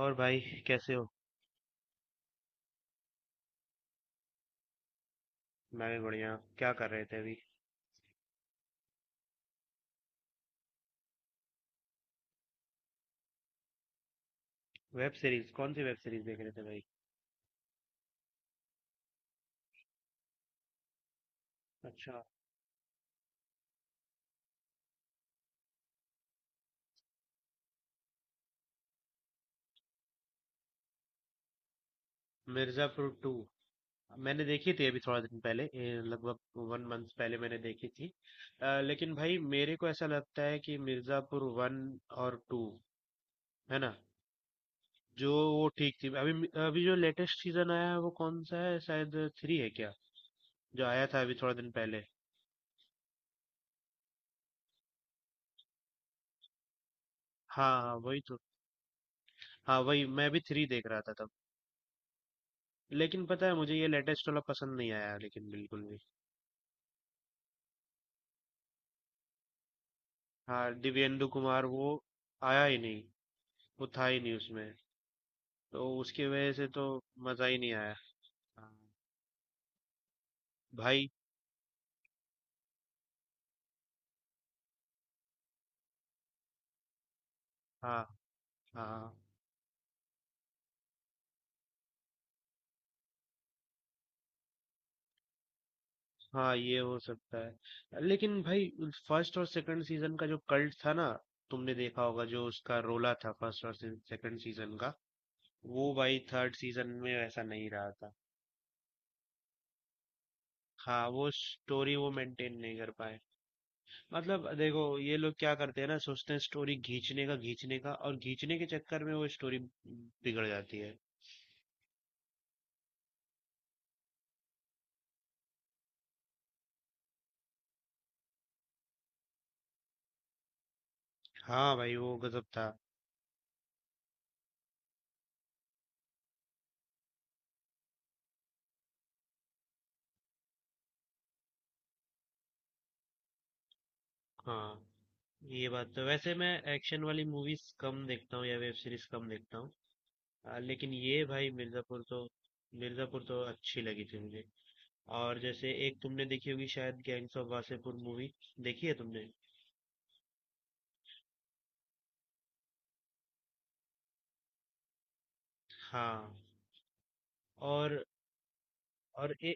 और भाई, कैसे हो? मैं भी बढ़िया। क्या कर रहे थे अभी? Web series? कौन सी वेब सीरीज देख रहे थे भाई? अच्छा। मिर्जापुर टू मैंने देखी थी, अभी थोड़ा दिन पहले, लगभग वन मंथ पहले मैंने देखी थी। लेकिन भाई मेरे को ऐसा लगता है कि मिर्जापुर वन और टू, है ना, जो वो ठीक थी। अभी अभी जो लेटेस्ट सीजन आया है वो कौन सा है? शायद थ्री है क्या, जो आया था अभी थोड़ा दिन पहले? हाँ हाँ, वही तो। हाँ वही, मैं भी थ्री देख रहा था। लेकिन पता है, मुझे ये लेटेस्ट वाला पसंद नहीं आया, लेकिन बिल्कुल भी। हाँ, दिव्येंदु कुमार वो आया ही नहीं। वो था ही नहीं उसमें, तो उसकी वजह से तो मजा ही नहीं आया। हाँ, भाई। हाँ हाँ हाँ, ये हो सकता है, लेकिन भाई, फर्स्ट और सेकंड सीजन का जो कल्ट था ना, तुमने देखा होगा जो उसका रोला था फर्स्ट और सेकंड सीजन का, वो भाई थर्ड सीजन में वैसा नहीं रहा था। हाँ, वो स्टोरी वो मेंटेन नहीं कर पाए। मतलब देखो, ये लोग क्या करते हैं ना, सोचते हैं स्टोरी खींचने का खींचने का, और खींचने के चक्कर में वो स्टोरी बिगड़ जाती है। हाँ भाई, वो गजब था। हाँ, ये बात तो, वैसे मैं एक्शन वाली मूवीज कम देखता हूँ या वेब सीरीज कम देखता हूँ। लेकिन ये भाई मिर्जापुर तो अच्छी लगी थी मुझे। और जैसे एक तुमने देखी होगी शायद, गैंग्स ऑफ वासेपुर मूवी। देखी है तुमने? हाँ। और और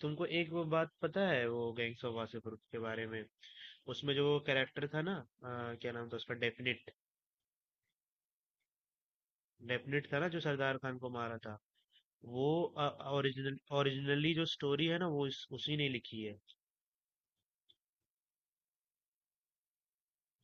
तुमको एक वो बात पता है, वो गैंग्स ऑफ वासेपुर के बारे में। उसमें जो कैरेक्टर था ना, क्या नाम था उसका? डेफिनेट, डेफिनेट था ना जो सरदार खान को मारा था वो। ओरिजिनली जो स्टोरी है ना, वो उसी ने लिखी है।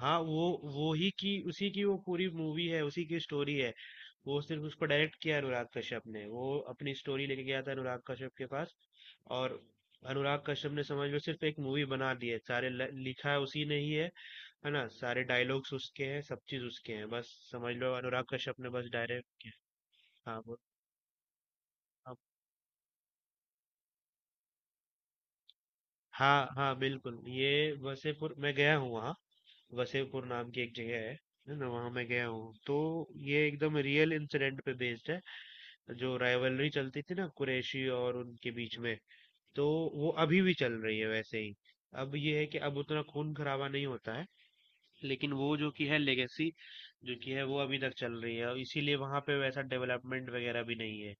हाँ वो ही की, उसी की, वो पूरी मूवी है, उसी की स्टोरी है। वो सिर्फ उसको डायरेक्ट किया अनुराग कश्यप ने। वो अपनी स्टोरी लेके गया था अनुराग कश्यप के पास। और अनुराग कश्यप ने समझ लो सिर्फ एक मूवी बना दी है, सारे लिखा है उसी ने ही है ना। सारे डायलॉग्स उसके हैं, सब चीज उसके हैं, बस समझ लो अनुराग कश्यप ने बस डायरेक्ट। हाँ। अब- हाँ हाँ बिल्कुल, ये वसेपुर मैं गया हूँ वहाँ। वसेपुर नाम की एक जगह है ना, वहाँ मैं गया हूँ। तो ये एकदम रियल इंसिडेंट पे बेस्ड है। जो राइवलरी चलती थी ना कुरैशी और उनके बीच में, तो वो अभी भी चल रही है वैसे ही। अब ये है कि अब उतना खून खराबा नहीं होता है, लेकिन वो जो कि है लेगेसी, जो कि है वो अभी तक चल रही है, और इसीलिए वहां पे वैसा डेवलपमेंट वगैरह भी नहीं है।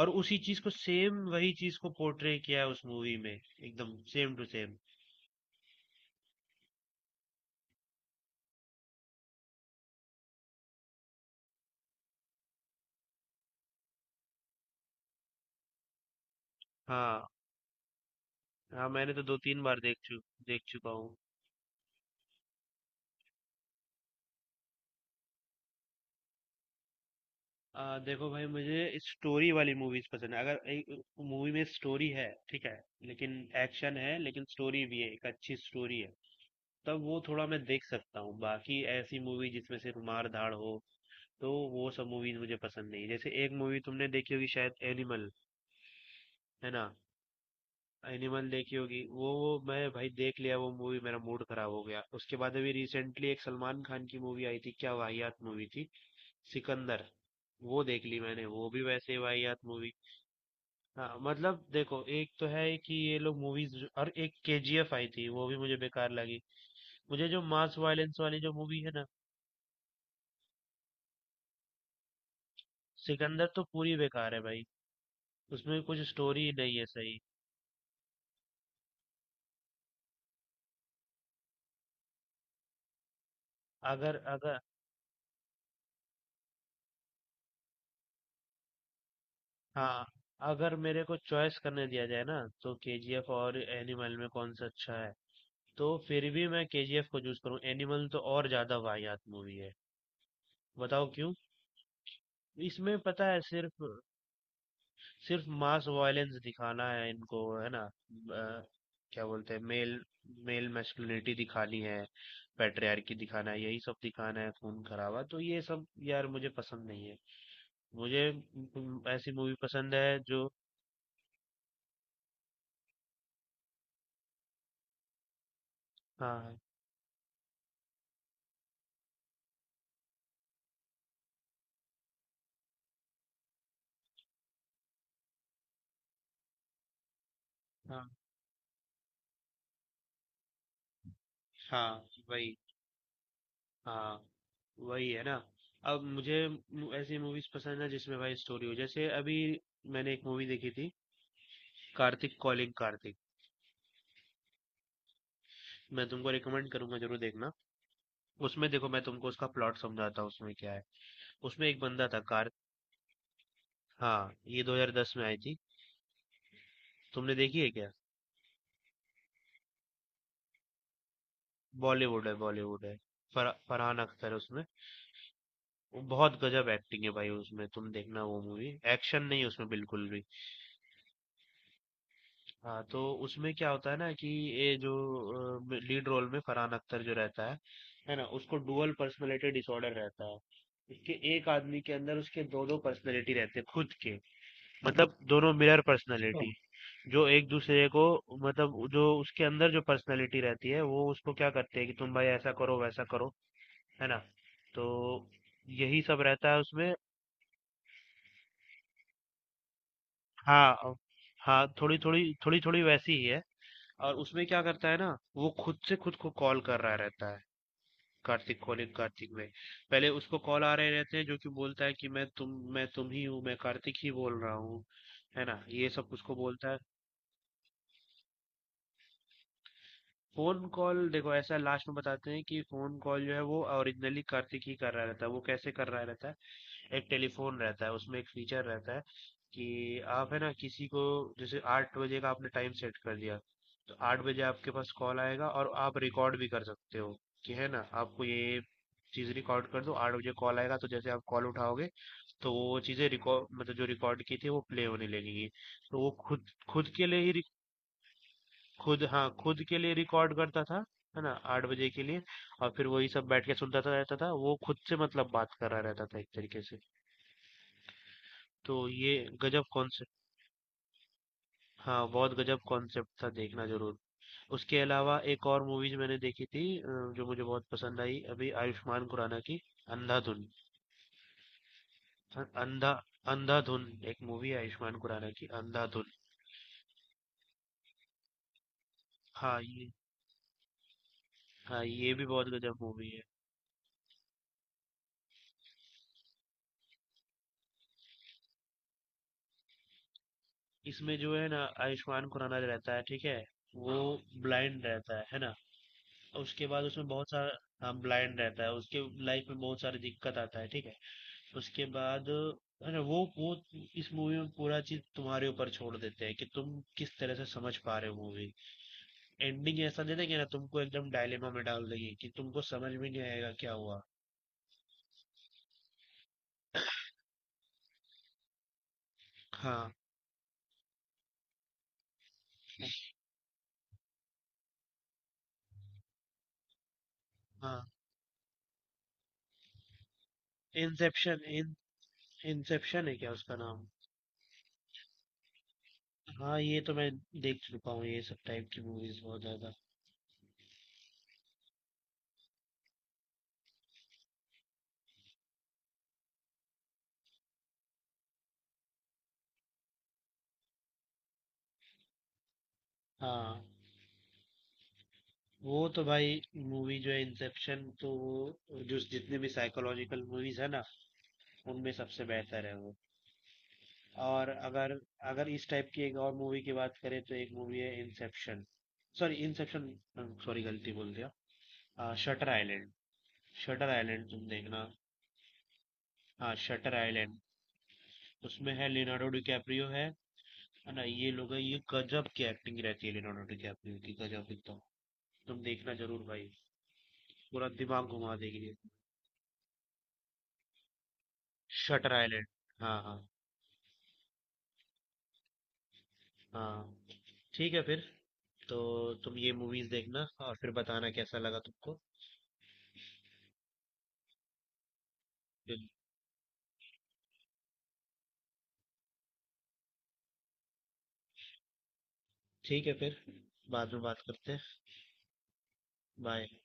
और उसी चीज को, सेम वही चीज को पोर्ट्रे किया है उस मूवी में, एकदम सेम टू सेम। हाँ हाँ, मैंने तो दो तीन बार देख चुका हूँ। देखो भाई, मुझे स्टोरी वाली मूवीज पसंद है। अगर एक मूवी में स्टोरी है, ठीक है, लेकिन एक्शन है लेकिन स्टोरी भी है, एक अच्छी स्टोरी है, तब वो थोड़ा मैं देख सकता हूँ। बाकी ऐसी मूवी जिसमें सिर्फ मार धाड़ हो, तो वो सब मूवीज मुझे पसंद नहीं। जैसे एक मूवी तुमने देखी होगी शायद, एनिमल, है ना? एनिमल देखी होगी वो, मैं भाई देख लिया वो मूवी, मेरा मूड खराब हो गया। उसके बाद अभी रिसेंटली एक सलमान खान की मूवी आई थी, क्या वाहियात मूवी थी, सिकंदर। वो देख ली मैंने, वो भी वैसे वाहियात मूवी। हाँ, मतलब देखो, एक तो है कि ये लोग मूवीज, और एक केजीएफ आई थी, वो भी मुझे बेकार लगी। मुझे जो मास वायलेंस वाली जो मूवी है ना, सिकंदर तो पूरी बेकार है भाई, उसमें कुछ स्टोरी ही नहीं है सही। अगर अगर, हाँ, अगर मेरे को चॉइस करने दिया जाए ना, तो केजीएफ और एनिमल में कौन सा अच्छा है? तो फिर भी मैं केजीएफ को चूज करूँ, एनिमल तो और ज्यादा वाहियात मूवी है। बताओ क्यों? इसमें पता है, सिर्फ सिर्फ मास वायलेंस दिखाना है इनको, है ना, क्या बोलते हैं, मेल, मेल मैस्कुलिनिटी दिखानी है, पैट्रियार्की दिखाना है, यही सब दिखाना है, खून खराबा, तो ये सब यार मुझे पसंद नहीं है। मुझे ऐसी मूवी पसंद है जो, हाँ हाँ हाँ हाँ, वही, हाँ वही, है ना। अब मुझे ऐसी मूवीज पसंद है जिसमें भाई स्टोरी हो। जैसे अभी मैंने एक मूवी देखी थी, कार्तिक कॉलिंग कार्तिक। मैं तुमको रिकमेंड करूंगा, जरूर देखना। उसमें देखो, मैं तुमको उसका प्लॉट समझाता हूँ, उसमें क्या है। उसमें एक बंदा था कार हाँ, ये 2010 में आई थी। तुमने देखी है क्या? बॉलीवुड है, बॉलीवुड है। फरहान अख्तर है उसमें, वो बहुत गजब एक्टिंग है भाई उसमें, तुम देखना वो मूवी, एक्शन नहीं है उसमें बिल्कुल भी। हाँ तो उसमें क्या होता है ना, कि ये जो लीड रोल में फरहान अख्तर जो रहता है ना, उसको डुअल पर्सनैलिटी डिसऑर्डर रहता है। उसके, एक आदमी के अंदर उसके दो दो पर्सनैलिटी रहते हैं खुद के, मतलब दोनों मिरर पर्सनैलिटी, जो एक दूसरे को, मतलब जो उसके अंदर जो पर्सनैलिटी रहती है वो उसको क्या करते हैं कि तुम भाई ऐसा करो वैसा करो, है ना, तो यही सब रहता है उसमें। हाँ, हाँ थोड़ी थोड़ी थोड़ी थोड़ी वैसी ही है। और उसमें क्या करता है ना, वो खुद से खुद को कॉल कर रहा रहता है। कार्तिक कॉलिंग कार्तिक में पहले उसको कॉल आ रहे रहते हैं जो कि बोलता है कि मैं तुम ही हूँ, मैं कार्तिक ही बोल रहा हूँ, है ना, ये सब उसको बोलता है। फोन कॉल देखो, ऐसा लास्ट में बताते हैं कि फोन कॉल जो है वो ओरिजिनली कार्तिक ही कर रहा रहता है। वो कैसे कर रहा रहता है? एक टेलीफोन रहता है उसमें, एक फीचर रहता है कि आप, है ना, किसी को जैसे आठ बजे का आपने टाइम सेट कर दिया, तो आठ बजे आपके पास कॉल आएगा, और आप रिकॉर्ड भी कर सकते हो, कि है ना, आपको ये चीज रिकॉर्ड कर दो, आठ बजे कॉल आएगा, तो जैसे आप कॉल उठाओगे, तो वो चीजें रिकॉर्ड, मतलब जो रिकॉर्ड की थी, वो प्ले होने लगेगी। तो वो खुद खुद के लिए ही, खुद हाँ, खुद के लिए रिकॉर्ड करता था, है ना, आठ बजे के लिए। और फिर वही सब बैठ के सुनता था रहता था वो, खुद से मतलब बात कर रहा रहता था एक तरीके से। तो ये गजब कॉन्सेप्ट। हाँ, बहुत गजब कॉन्सेप्ट था, देखना जरूर। उसके अलावा एक और मूवीज मैंने देखी थी, जो मुझे बहुत पसंद आई, अभी आयुष्मान खुराना की अंधाधुन। अ- अंधा अंधाधुन, एक मूवी है आयुष्मान खुराना की, अंधाधुन। हाँ ये, हाँ ये भी बहुत गजब मूवी है। इसमें जो है ना, आयुष्मान खुराना रहता है, ठीक है, वो ब्लाइंड रहता है ना, उसके बाद उसमें बहुत सारा, हाँ ब्लाइंड रहता है, उसके लाइफ में बहुत सारी दिक्कत आता है, ठीक है, उसके बाद, है ना, वो इस मूवी में पूरा चीज तुम्हारे ऊपर छोड़ देते हैं कि तुम किस तरह से समझ पा रहे हो मूवी। एंडिंग ऐसा दे देंगे ना तुमको, एकदम डायलेमा में डाल देंगे कि तुमको समझ में नहीं आएगा क्या हुआ। हाँ हाँ, इंसेप्शन इन इंसेप्शन है क्या उसका नाम? हाँ, ये तो मैं देख चुका हूँ, ये सब टाइप की मूवीज बहुत ज्यादा। हाँ वो तो भाई, मूवी जो है इंसेप्शन, तो वो जो जितने भी साइकोलॉजिकल मूवीज है ना, उनमें सबसे बेहतर है वो। और अगर अगर इस टाइप की एक और मूवी की बात करें, तो एक मूवी है इंसेप्शन सॉरी गलती बोल दिया, शटर आइलैंड। शटर आइलैंड तुम देखना, हाँ शटर आइलैंड। उसमें है लियोनार्डो डिकैप्रियो, है ना, ये लोग हैं, ये गजब की एक्टिंग रहती है लियोनार्डो डिकैप्रियो की, गजब एकदम। तुम देखना जरूर भाई, पूरा दिमाग घुमा देगी ये, शटर आइलैंड, हाँ हाँ हाँ। ठीक है फिर। तो तुम ये मूवीज देखना और फिर बताना कैसा लगा तुमको। फिर ठीक है, फिर बाद में बात करते हैं। बाय।